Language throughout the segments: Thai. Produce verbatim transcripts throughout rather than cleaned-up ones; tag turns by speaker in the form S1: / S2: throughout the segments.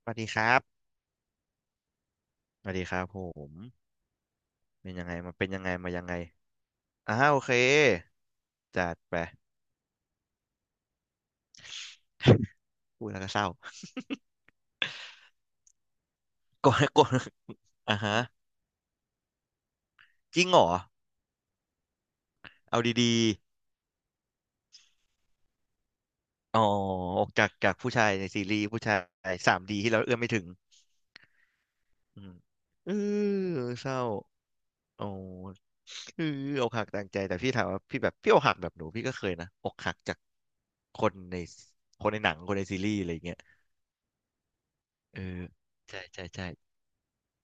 S1: สวัสดีครับสวัสดีครับผมเป็นยังไง มาเป็นยังไง มายังไงอ่าโอเคจัดไป พูดแล้วก็เศร้า ก่อนก่อนอ่าฮะจริงเหรอเอาดีๆอ๋อออกจากจากผู้ชายในซีรีส์ผู้ชายสามดีที่เราเอื้อมไม่ถึงอืมเออเศร้าโอ้เอออกหักต่างใจแต่พี่ถามว่าพี่แบบพี่อกหักแบบหนูพี่ก็เคยนะอกหักจากคนในคนในหนังคนในซีรีส์อะไรอย่างเงี้ยเออใช่ใช่ใช่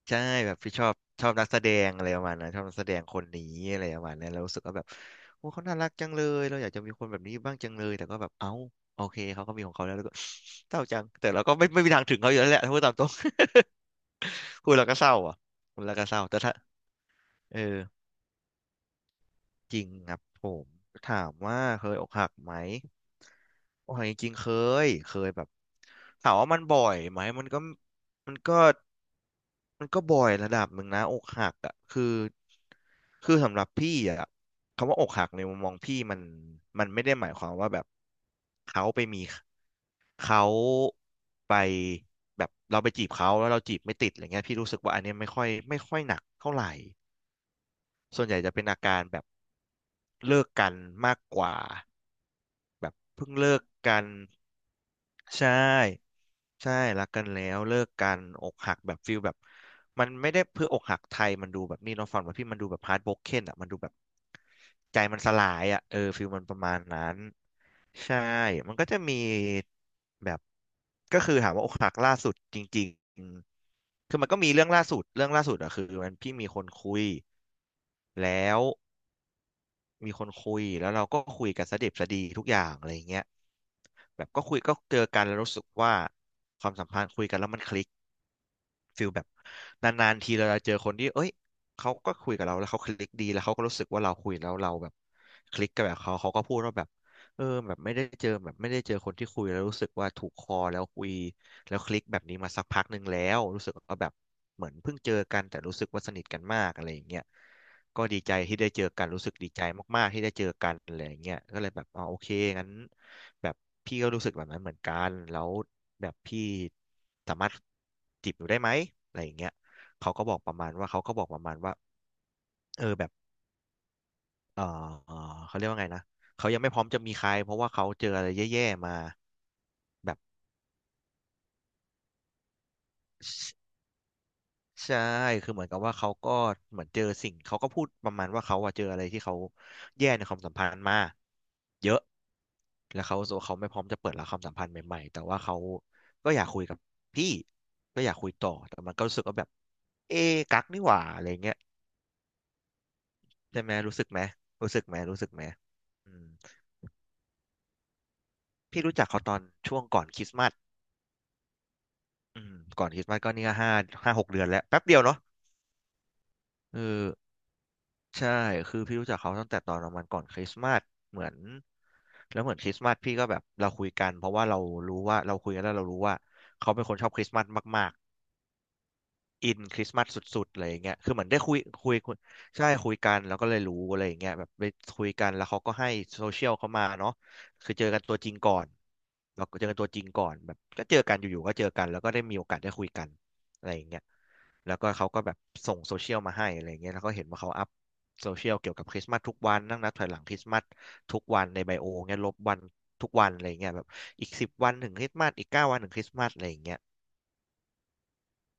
S1: ใช่แบบพี่ชอบชอบนักแสดงอะไรประมาณนั้นชอบนักแสดงคนนี้อะไรประมาณนั้นแล้วรู้สึกว่าแบบโอ้เขาน่ารักจังเลยเราอยากจะมีคนแบบนี้บ้างจังเลยแต่ก็แบบเอ้าโอเคเขาก็มีของเขาแล้วแล้วก็ เศร้าจังแต่เราก็ไม่ไม่มีทางถึงเขาอยู่แล้วแหละถ้าพูดตามตรง พูดแล้วก็เศร้าอ่ะพูดแล้วก็เศร้าแต่ถ้าเออจริงครับผมถามว่าเคยอกหักไหมอกหักจริงๆเคยเคยแบบถามว่ามันบ่อยไหมมันก็มันก็ มันก็บ่อยระดับหนึ่งนะอกหักอ่ะคือคือสำหรับพี่อ่ะคำว่าอกหักในมุมมองพี่มันมันไม่ได้หมายความว่าแบบเขาไปมีเขาไปแบบเราไปจีบเขาแล้วเราจีบไม่ติดอะไรเงี้ยพี่รู้สึกว่าอันเนี้ยไม่ค่อยไม่ค่อยหนักเท่าไหร่ส่วนใหญ่จะเป็นอาการแบบเลิกกันมากกว่าแบบเพิ่งเลิกกัน ใช่ใช่รักกันแล้วเลิกกันอกหักแบบฟิลแบบมันไม่ได้เพื่ออกหักไทยมันดูแบบนี่เน้องฟังว่าพี่มันดูแบบฮาร์ดโบรกเคนอ่ะมันดูแบบใจมันสลายอ่ะเออฟิลมันประมาณนั้นใช่มันก็จะมีแบบก็คือถามว่าอกหักล่าสุดจริงๆคือมันก็มีเรื่องล่าสุดเรื่องล่าสุดอ่ะคือมันพี่มีคนคุยแล้ว มีคนคุยแล้วเราก็คุยกันสะดิบสะดีทุกอย่างอะไรอย่างเงี้ยแบบก็คุยก็เจอกันแล้วรู้สึกว่าความสัมพันธ์คุยกันแล้วมันคลิกฟิลแบบนานๆทีเราจะเจอคนที่เอ้ยเขาก็คุยกับเราแล้วเขาคลิกดีแล้วเขาก็รู้สึกว่าเราคุยแล้วเราแบบคลิกกับแบบเขาเขาก็พูดว่าแบบเออแบบไม่ได้เจอแบบไม่ได้เจอคนที่คุยแล้วรู้สึกว่าถูกคอแล้วคุยแล้วคลิกแบบนี้มาสักพักหนึ่งแล้วรู้สึกว่าแบบเหมือนเพิ่งเจอกันแต่รู้สึกว่าสนิทกันมากอะไรอย่างเงี้ย ก็ดีใจที่ได้เจอกันรู้สึกดีใจมากๆที่ได้เจอกันอะไรอย่างเงี้ยก็เลยแบบอ๋อโอเคงั้นแบบพี่ก็รู้สึกแบบนั้นเหมือนกันแล้วแบบพี่สามารถจีบหนูได้ไหมอะไรอย่างเงี้ยเขาก็บอกประมาณว่าเขาก็บอกประมาณว่าเออแบบเออเออเขาเรียกว่าไงนะเขายังไม่พร้อมจะมีใครเพราะว่าเขาเจออะไรแย่ๆมาแบบใชใช่คือเหมือนกับว่าเขาก็เหมือนเจอสิ่งเขาก็พูดประมาณว่าเขาอะเจออะไรที่เขาแย่ในความสัมพันธ์มาเยอะ แล้วเขาโซเขาไม่พร้อมจะเปิดรับความสัมพันธ์ใหม่ๆแต่ว่าเขาก็อยากคุยกับพี่ก็อยากคุยต่อแต่มันก็รู้สึกว่าแบบเอ๊ะกักนี่หว่าอะไรเงี้ยใช่ไหมรู้สึกไหมรู้สึกไหมรู้สึกไหมอืมพี่รู้จักเขาตอนช่วงก่อนคริสต์มาสอืมก่อนคริสต์มาสก็นี่ก็ห้าห้าหกเดือนแล้วแป๊บเดียวเนาะเออใช่คือพี่รู้จักเขาตั้งแต่ตอนประมาณก่อนคริสต์มาสเหมือนแล้วเหมือนคริสต์มาสพี่ก็แบบเราคุยกันเพราะว่าเรารู้ว่าเราคุยกันแล้วเรารู้ว่าเขาเป็นคนชอบคริสต์มาสมาก อินคริสต์มาสสุดๆอะไรอย่างเงี้ยคือเหมือนได้คุยคุยคุยใช่คุยกันแล้วก็เลยรู้อะไรอย่างเงี้ยแบบไปคุยกันแล้วเขาก็ให้โซเชียลเขามาเนาะคือเจอกันตัวจริงก่อนเราเจอกันตัวจริงก่อนแบบก็เจอกันอยู่ๆก็เจอกันแล้วก็ได้มีโอกาสได้คุยกันอะไรอย่างเงี้ยแล้วก็เขาก็แบบส่งโซเชียลมาให้อะไรอย่างเงี้ยแล้วก็เห็นว่าเขาอัพโซเชียลเกี่ยวกับคริสต์มาสทุกวันนั่งนับถอยหลังคริสต์มาสทุกวันในไบโอเงี้ยลบวันทุกวันอะไรอย่างเงี้ยแบบอีกสิบวันถึงคริสต์มาสอีกเก้าวันถึงคริสต์มาสอะไรอย่างเงี้ย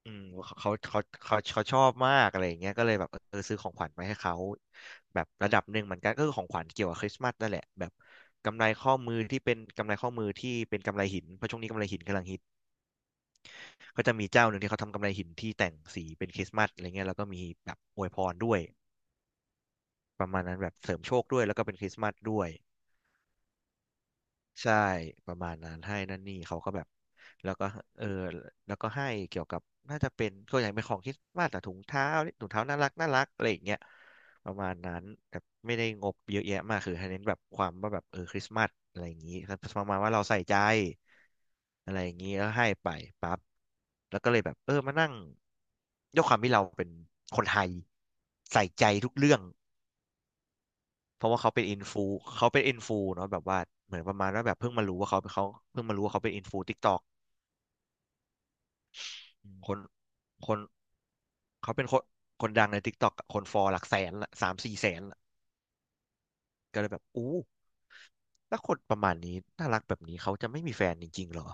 S1: อืมเขาเขาเขาเขาเขาชอบมากอะไรอย่างเงี้ยก็เลยแบบเออซื้อของขวัญมาให้เขาแบบระดับหนึ่งเหมือนกันก็คือของขวัญเกี่ยวกับคริสต์มาสนั่นแหละแบบกำไรข้อมือที่เป็นกำไรข้อมือที่เป็นกำไรหินเพราะช่วงนี้กำไรหินกำลังฮิตก็จะมีเจ้าหนึ่งที่เขาทำกำไรหินที่แต่งสีเป็นคริสต์มาสอะไรเงี้ยแล้วก็มีแบบอวยพรด้วยประมาณนั้นแบบเสริมโชคด้วยแล้วก็เป็นคริสต์มาสด้วย ใช่ประมาณนั้นให้นั่นนี่เขาก็แบบแล้วก็เออแล้วก็ให้เกี่ยวกับน่าจะเป็นก็อย่างเป็นของคริสต์มาสแต่ถุงเท้าถุงเท้าน่ารักน่ารักอะไรอย่างเงี้ยประมาณนั้นแต่ไม่ได้งบเยอะแยะมากคือให้เน้นแบบความว่าแบบเออคริสต์มาสอะไรอย่างงี้ประมาณว่าเราใส่ใจอะไรอย่างงี้แล้วให้ไปปั๊บแล้วก็เลยแบบเออมานั่งด้วยความที่เราเป็นคนไทยใส่ใจทุกเรื่อง เพราะว่าเขาเป็นอินฟูเขาเป็นอินฟูเนาะแบบว่าเหมือนประมาณว่าแบบเพิ่งมารู้ว่าเขาเขาเพิ่งมารู้ว่าเขาเป็นอินฟูทิกตอกคนคนเขาเป็นคนคนดังในทิกตอกคนฟอลหลักแสนละสามสี่แสนละก็เลยแบบอู้ถ้าคนประมาณนี้น่ารักแบบนี้เขาจะไม่มีแฟนจริงๆเหรอ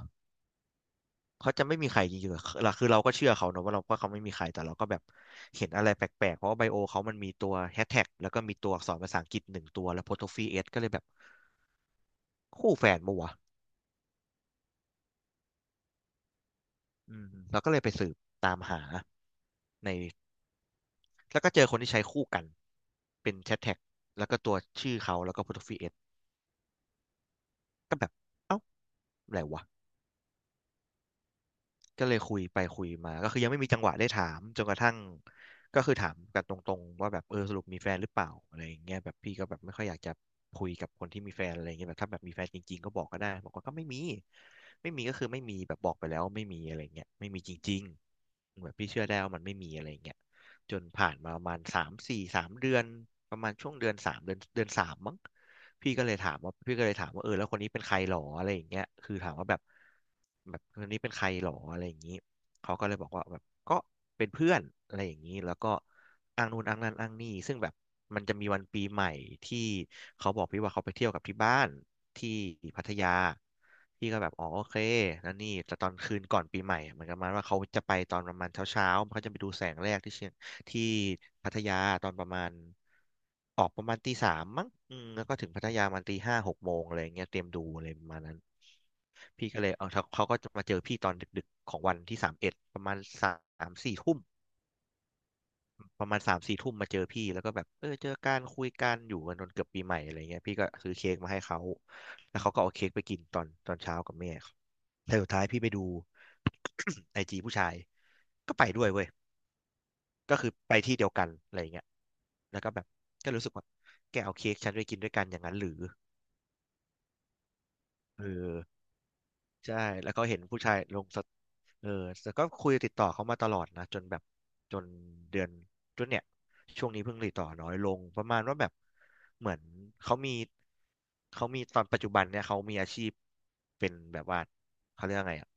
S1: เขาจะไม่มีใครจริงๆเหรอคือคือเราก็เชื่อเขาเนอะว่าเราก็เขาไม่มีใครแต่เราก็แบบเห็นอะไรแปลกๆเพราะว่าไบโอเขามันมีตัวแฮชแท็กแล้วก็มีตัวอักษรภาษาอังกฤษหนึ่งตัวแล้วโพสต์ฟีเอสก็เลยแบบคู่แฟนปัว อืมเราก็เลยไปสืบตามหาในแล้วก็เจอคนที่ใช้คู่กันเป็นแชทแท็กแล้วก็ตัวชื่อเขาแล้วก็โปรไฟล์ก็แบบเอ้าอะไรวะก็เลยคุยไปคุยมาก็คือยังไม่มีจังหวะได้ถามจนกระทั่งก็คือถามกันตรงๆว่าแบบเออสรุปมีแฟนหรือเปล่าอะไรอย่างเงี้ยแบบพี่ก็แบบไม่ค่อยอยากจะคุยกับคนที่มีแฟนอะไรอย่างเงี้ยแบบถ้าแบบมีแฟนจริงๆก็บอกก็ได้บอกว่าก็ไม่มีไม่มีก็คือไม่มีแบบบอกไปแล้วไม่มีอะไรเงี้ยไม่มีจริงๆเหมือนพี่เชื่อได้ว่ามันไม่มีอะไรเงี้ย จนผ่านมาประมาณสามสี่สามเดือนประมาณช่วงเดือนสามเดือนเดือนสามมั้งพี่ก็เลยถามว่าพี่ก็เลยถามว่าเออแล้วคนนี้เป็นใครหรออะไรอย่างเงี้ยคือถามว่าแบบแบบคนนี้เป็นใครหรออะไรอย่างงี้เขาก็เลยบอกว่าแบบก็เป็นเพื่อนอะไรอย่างงี้แล้วก็อ้างนู่นอ้างนั่นอ้างนี่ซึ่งแบบมันจะมีวันปีใหม่ที่เขาบอกพี่ว่าเขาไปเที่ยวกับที่บ้านที่พัทยาพี่ก็แบบอ๋อโอเคแล้วนี่แต่ตอนคืนก่อนปีใหม่เหมือนกันมาว่าเขาจะไปตอนประมาณเช้าเช้าเขาจะไปดูแสงแรกที่เชียง ที่พัทยาตอนประมาณออกประมาณตีสามมั้งอืมแล้วก็ถึงพัทยามันตีห้าหกโมงอะไรอย่างเงี้ยเตรียมดูอะไรประมาณนั้นพี่ก็เลยเอาเขาเขาก็จะมาเจอพี่ตอนดึกๆของวันที่สามเอ็ดประมาณสามสี่ทุ่มประมาณสามสี่ทุ่มมาเจอพี่แล้วก็แบบเออเจอการคุยกันอยู่กันจนเกือบปีใหม่อะไรเงี้ยพี่ก็ซื้อเค้กมาให้เขาแล้วเขาก็เอาเค้กไปกินตอนตอนเช้ากับแม่แต่สุดท้ายพี่ไปดู ไอจีผู้ชายก็ไปด้วยเว้ย ก็คือไปที่เดียวกันอะไรอย่างเงี้ยแล้วก็แบบก็รู้สึกว่าแกเอาเค้กฉันไปกินด้วยกันอย่างนั้นหรือเออใช่แล้วก็เห็นผู้ชายลงสตเออแต่ก็คุยติดต่อเขามาตลอดนะจนแบบจนเดือนจนเนี่ยช่วงนี้เพิ่งติดต่อน้อยลงประมาณว่าแบบเหมือนเขามีเขามีตอนปัจจุบันเนี่ยเขามีอาชีพเป็นแบบว่าเขาเรียกว่าไงอ่ะ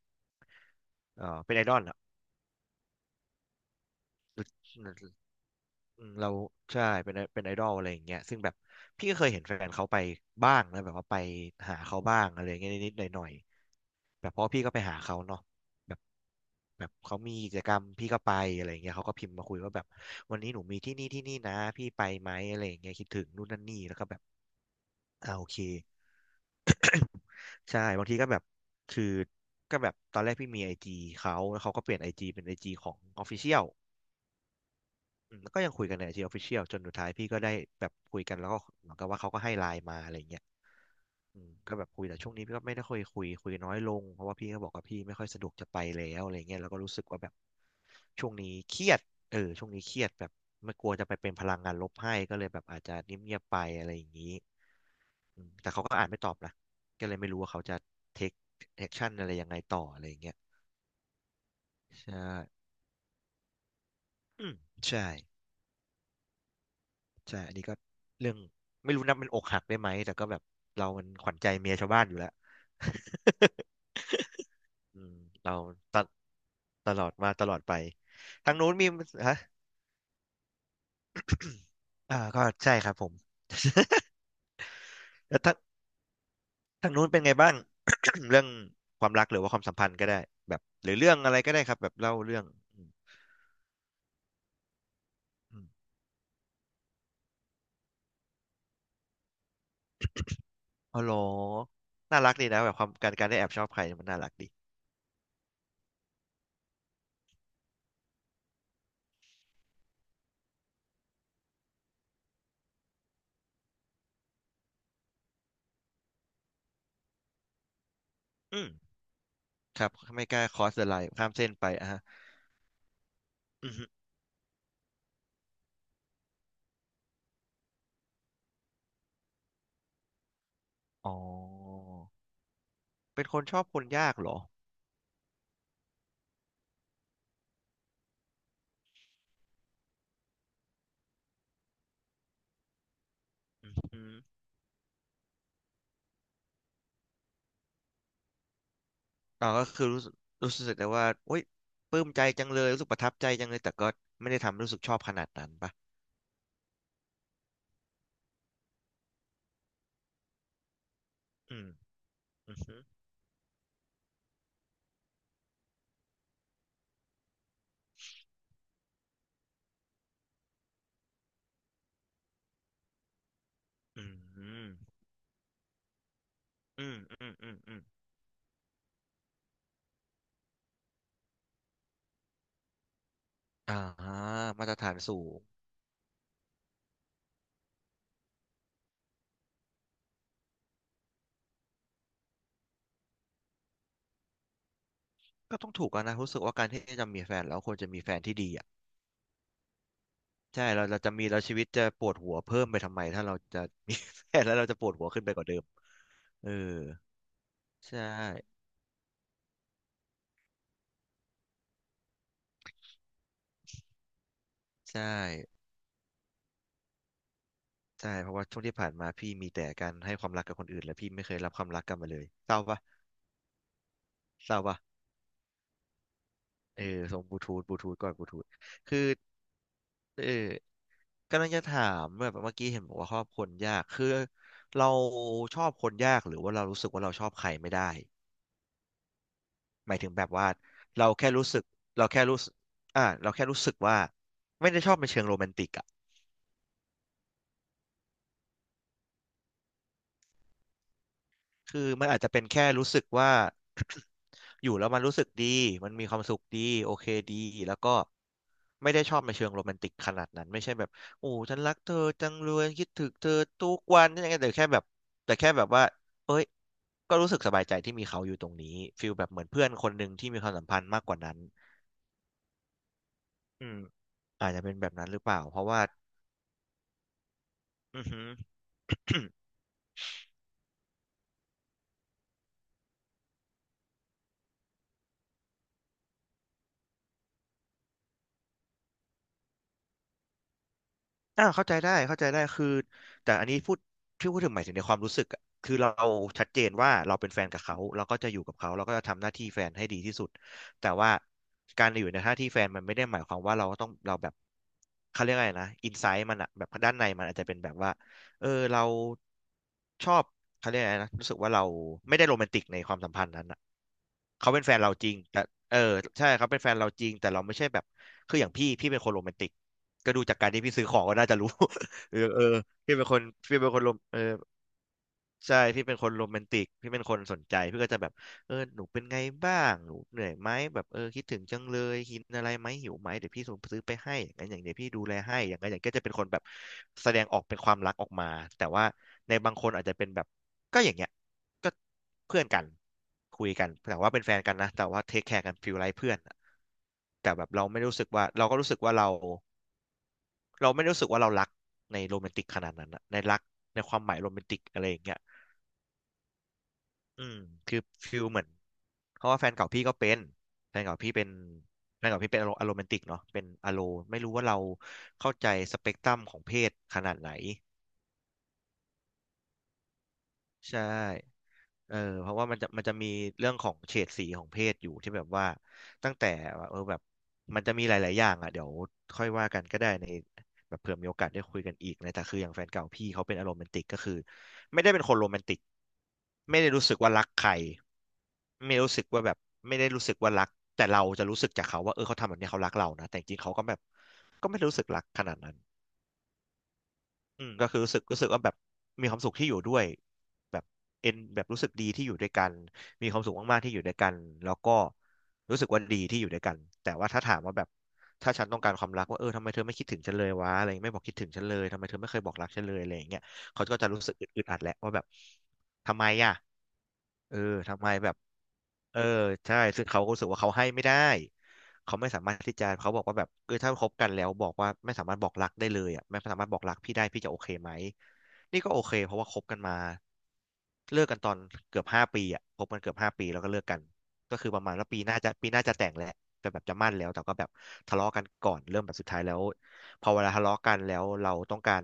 S1: เออเป็นไอดอลอ่ะ อืมเราใช่เป็นเป็นไอดอลอะไรอย่างเงี้ยซึ่งแบบพี่ก็เคยเห็นแฟนเขาไปบ้างนะแบบว่าไปหาเขาบ้างอะไรอย่างเงี้ยนิดๆหน่อยๆแบบเพราะพี่ก็ไปหาเขาเนาะแบบแบบเขามีกิจกรรมพี่ก็ไปอะไรอย่างเงี้ยเขาก็พิมพ์มาคุยว่าแบบวันนี้หนูมีที่นี่ที่นี่นะพี่ไปไหมอะไรอย่างเงี้ยคิดถึงนู่นนั่นนี่แล้วก็แบบอ่าโอเคใช่บางทีก็แบบคือก็แบบตอนแรกพี่มีไอจีเขาแล้วเขาก็เปลี่ยนไอจีเป็นไอจีของออฟฟิเชียล อืมแล้วก็ยังคุยกันในไอจีออฟฟิเชียลจนสุดท้ายพี่ก็ได้แบบคุยกันแล้วก็เหมือนกับว่าเขาก็ให้ไลน์มาอะไรเงี้ยอืมก็แบบคุยแต่ช่วงนี้พี่ก็ไม่ได้ค่อยคุยคุยน้อยลงเพราะว่าพี่ก็บอกว่าพี่ไม่ค่อยสะดวกจะไปแล้วอะไรเงี้ยแล้วก็รู้สึกว่าแบบช่วงนี้เครียดเออช่วงนี้เครียดแบบไม่กลัวจะไปเป็นพลังงานลบให้ก็เลยแบบอาจจะเงียบๆไปอะไรอย่างนี้อืมแต่เขาก็อ่านไม่ตอบนะก็เลยไม่รู้ว่าเขาจะเทคแอคชั่นอะไรยังไงต่ออะไรอย่างเงี้ยใช่อืมใช่ ใช่อันนี้ก็เรื่องไม่รู้นับเป็นอกหักได้ไหมแต่ก็แบบเรามันขวัญใจเมียชาวบ้านอยู่แล้ว อืมเราตะตลอดมาตลอดไปทางนู้นมีฮะอ่าก็ใช่ครับผม แล้วทางทางนู้นเป็นไงบ้าง เรื่องความรักหรือว่าความสัมพันธ์ก็ได้แบบหรือเรื่องอะไรก็ได้ครับแบบเล่าเรื่องอืมอืมอ๋อเหรอน่ารักดีนะแบบความการการได้แอบชอบใครมันน่ารักดีอืมครับไม่กล้าคอสเดอะไลน์ข้ามเส้นไปอ่ะฮะอือฮึอ๋อ เป็นคนชอบคนยากเหรออืมอมอ๋อก็คือรู้สึกรู้สึกแต่ว่าโอ๊ยปลื้มใจจังเลยรู้สึกประทับใจจังเลยแต่ก็ไม่ได้ทำรู้สึกชอบขนาดนั้นปะอืมอืมอือืมอืมอืมอืมอืมอ่ามาตรฐานสูงก็ต้องถูกกันนะรู้สึกว่าการที่จะมีแฟนแล้วควรจะมีแฟนที่ดีอ่ะใช่เราเราจะมีแล้วชีวิตจะปวดหัวเพิ่มไปทำไมถ้าเราจะมี แฟนแล้วเราจะปวดหัวขึ้นไปกว่าเดิมเออใช่ใช่ ใช่เพราะว่าช่วงที่ผ่านมาพี่มีแต่การให้ความรักกับคนอื่นแล้วพี่ไม่เคยรับความรักกลับมาเลยเศร้าปะเศร้าปะเออส่งบลูทูธบลูทูธก่อนบลูทูธคือเออกำลังจะถามแบบเมื่อกี้เห็นบอกว่าชอบคนยากคือเราชอบคนยากหรือว่าเรารู้สึกว่าเราชอบใครไม่ได้หมายถึงแบบว่าเราแค่รู้สึกเราแค่รู้สึกอ่าเราแค่รู้สึกว่าไม่ได้ชอบในเชิงโรแมนติกอะ คือมันอาจจะเป็นแค่รู้สึกว่า อยู่แล้วมันรู้สึกดีมันมีความสุขดีโอเคดีแล้วก็ไม่ได้ชอบในเชิงโรแมนติกขนาดนั้นไม่ใช่แบบโอ้ฉันรักเธอจังเลยคิดถึงเธอทุกวันนี่ยังไงแต่แค่แบบแต่แค่แบบว่าเอ้ยก็รู้สึกสบายใจที่มีเขาอยู่ตรงนี้ฟีลแบบเหมือนเพื่อนคนหนึ่งที่มีความสัมพันธ์มากกว่านั้นอืมอาจจะเป็นแบบนั้นหรือเปล่าเพราะว่า อือหือ อ่าเข้าใจได้เข้าใจได้คือแต่อันนี้พูดที่พูดถึงหมายถึงในความรู้สึกอะคือเราชัดเจนว่าเราเป็นแฟนกับเขาเราก็จะอยู่กับเขาเราก็จะทำหน้าที่แฟนให้ดีที่สุดแต่ว่าการอยู่ในหน้าที่แฟนมันไม่ได้หมายความว่าเราต้องเราแบบเขาเรียกอะไรนะอินไซต์มันอะแบบด้านในมันอาจจะเป็นแบบว่าเออเราชอบเขาเรียกอะไรนะรู้สึกว่าเราไม่ได้โรแมนติกในความสัมพันธ์นั้นอะเขาเป็นแฟนเราจริงแต่เออใช่เขาเป็นแฟนเราจริงแต่เราไม่ใช่แบบคืออย่างพี่พี่เป็นคนโรแมนติก ก็ดูจากการที่พี่ซื้อของก็น่าจะรู้ เออเออพี่เป็นคนพี่เป็นคนโรมเออใช่พี่เป็นคนโรแมนติกพี่เป็นคนสนใจพี่ก็จะแบบเออหนูเป็นไงบ้างหนูเหนื่อยไหมแบบเออคิดถึงจังเลยกินอะไรไหมหิวไหมเดี๋ยวพี่ส่งซื้อไปให้อย่างนั้นอย่างเดี๋ยวพี่ดูแลให้อย่างนั้นอย่างนี้ก็จะเป็นคนแบบแสดงออกเป็นความรักออกมาแต่ว่าในบางคนอาจจะเป็นแบบก็อย่างเงี้ยก็เพื่อนกันคุยกันแต่ว่าเป็นแฟนกันนะแต่ว่าเทคแคร์กันฟีลไลเพื่อนอะแต่แบบเราไม่รู้สึกว่าเราก็รู้สึกว่าเรา เราไม่ได้รู้สึกว่าเรารักในโรแมนติกขนาดนั้นอะในรักในความหมายโรแมนติกอะไรอย่างเงี้ยอืมคือฟิลเหมือนเพราะว่าแฟนเก่าพี่ก็เป็นแฟนเก่าพี่เป็นแฟนเก่าพี่เป็นอโรอโรแมนติกเนาะเป็นอโลไม่รู้ว่าเราเข้าใจสเปกตรัมของเพศขนาดไหน ใช่เออเพราะว่ามันจะมันจะมีเรื่องของเฉดสีของเพศอยู่ที่แบบว่าตั้งแต่ว่าเออแบบมันจะมีหลายๆอย่างอ่ะเดี๋ยวค่อยว่ากันก็ได้ในแบบเผื่อมีโอกาสได้คุยกันอีกนะแต่คืออย่างแฟนเก่าพี่เขาเป็นอารมณ์แมนติกก็คือไม่ได้เป็นคนโรแมนติกไม่ได้รู้สึกว่ารักใครไม่รู้สึกว่าแบบไม่ได้รู้สึกว่ารักแต่เราจะรู้สึกจากเขาว่าเออเขาทำแบบนี้เขารักเรานะแต่จริงๆเขาก็แบบก็ไม่ได้รู้สึกรักขนาดนั้น อืมก็คือรู้สึกรู้สึกว่าแบบมีความสุขที่อยู่ด้วยแบบเอ็นแบบรู้สึกดีที่อยู่ด้วยกันมีความสุขมากๆที่อยู่ด้วยกันแล้วก็รู้สึกว่าดีที่อยู่ด้วยกันแต่ว่าถ้าถามว่าแบบถ้าฉันต้องการความรักว่าเออทำไมเธอไม่คิดถึงฉันเลยวะอะไรไม่บอกคิดถึงฉันเลยทำไมเธอไม่เคยบอกรักฉันเลยอะไรอย่างเงี้ยเขาก็จะรู้สึกอึดอัดแหละว่าแบบทำไมอ่ะเออทำไมแบบเออใช่ซึ่งเขาก็รู้สึกว่าเขาให้ไม่ได้ เขาไม่สามารถที่จะเขาบอกว่าแบบเออถ้าคบกันแล้วบอกว่าไม่สามารถบอกรักได้เลยอ่ะไม่สามารถบอกรักพี่ได้พี่จะโอเคไหมนี่ก็โอเคเพราะว่าคบกันมาเลิกกันตอนเกือบห้าปีอ่ะคบกันเกือบห้าปีแล้วก็เลิกกันก็คือประมาณว่าปีหน้าจะปีหน้าจะแต่งแหละแต่แบบจะมั่นแล้วแต่ก็แบบทะเลาะกันก่อนเริ่มแบบสุดท้ายแล้วพอเวลาทะเลาะกันแล้วเราต้องการ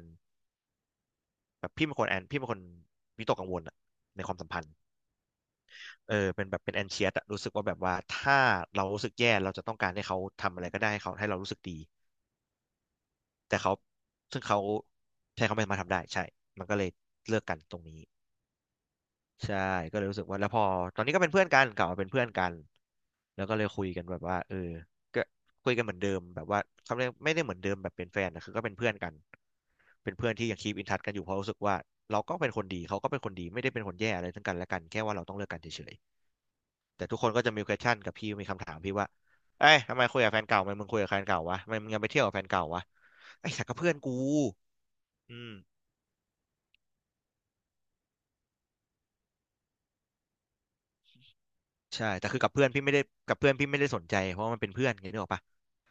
S1: แบบพี่เป็นคนแอนพี่เป็นคนวิตกกังวลอะในความสัมพันธ์เออเป็นแบบเป็นแอนเชียสอะรู้สึกว่าแบบว่าถ้าเรารู้สึกแย่เราจะต้องการให้เขาทำอะไรก็ได้ให้เขาให้เรารู้สึกดี แต่เขาซึ่งเขาใช่เขาไม่สามารถทำได้ใช่มันก็เลยเลิกกันตรงนี้ใช่ก็เลยรู้สึกว่าแล้วพอตอนนี้ก็เป็นเพื่อนกันกลับมาเป็นเพื่อนกันแล้วก็เลยคุยกันแบบว่าเออก็คุยกันเหมือนเดิมแบบว่าเขาเรียกไม่ได้เหมือนเดิมแบบเป็นแฟนนะคือก็เป็นเพื่อนกันเป็นเพื่อนที่ยังคีปอินทัชกันอยู่เพราะรู้สึกว่าเราก็เป็นคนดีเขาก็เป็นคนดีไม่ได้เป็นคนแย่อะไรทั้งกันและกันแค่ว่าเราต้องเลิกกันเฉยๆแต่ทุกคนก็จะมี question กับพี่มีคำถามพี่ว่าเอ้ยทำไมคุยกับแฟนเก่าทำไมมึงคุยกับแฟนเก่าวะทำไมมึงยังไปเที่ยวกับแฟนเก่าวะไอ้สักก็เพื่อนกู อืมใช่แต่คือกับเพื่อนพี่ไม่ได้กับเพื่อนพี่ไม่ได้สนใจเพราะว่ามันเป็นเพื่อนไงนึกออกปะ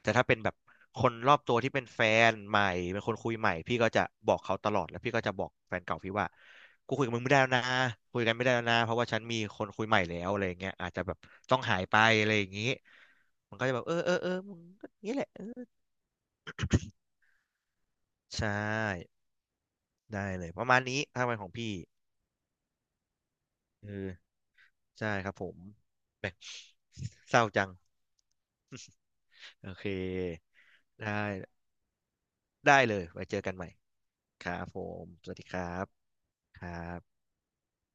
S1: แต่ถ้าเป็นแบบคนรอบตัวที่เป็นแฟนใหม่เป็นคนคุยใหม่พี่ก็จะบอกเขาตลอดแล้วพี่ก็จะบอกแฟนเก่าพี่ว่ากูคุยกับมึงไม่ได้แล้วนะคุยกันไม่ได้แล้วนะเพราะว่าฉันมีคนคุยใหม่แล้วอะไรอย่างเงี้ยอาจจะแบบต้องหายไปอะไรอย่างงี้มันก็จะแบบเออเออเออมึงก็่งี้แหละเออใช่ได้เลยประมาณนี้ทางเนของพี่เออใช่ครับผมแหม่เศร้าจังโอเคได้ ได้เลยไว้เจอกันใหม่ ครับผมสวัสดีครับครับ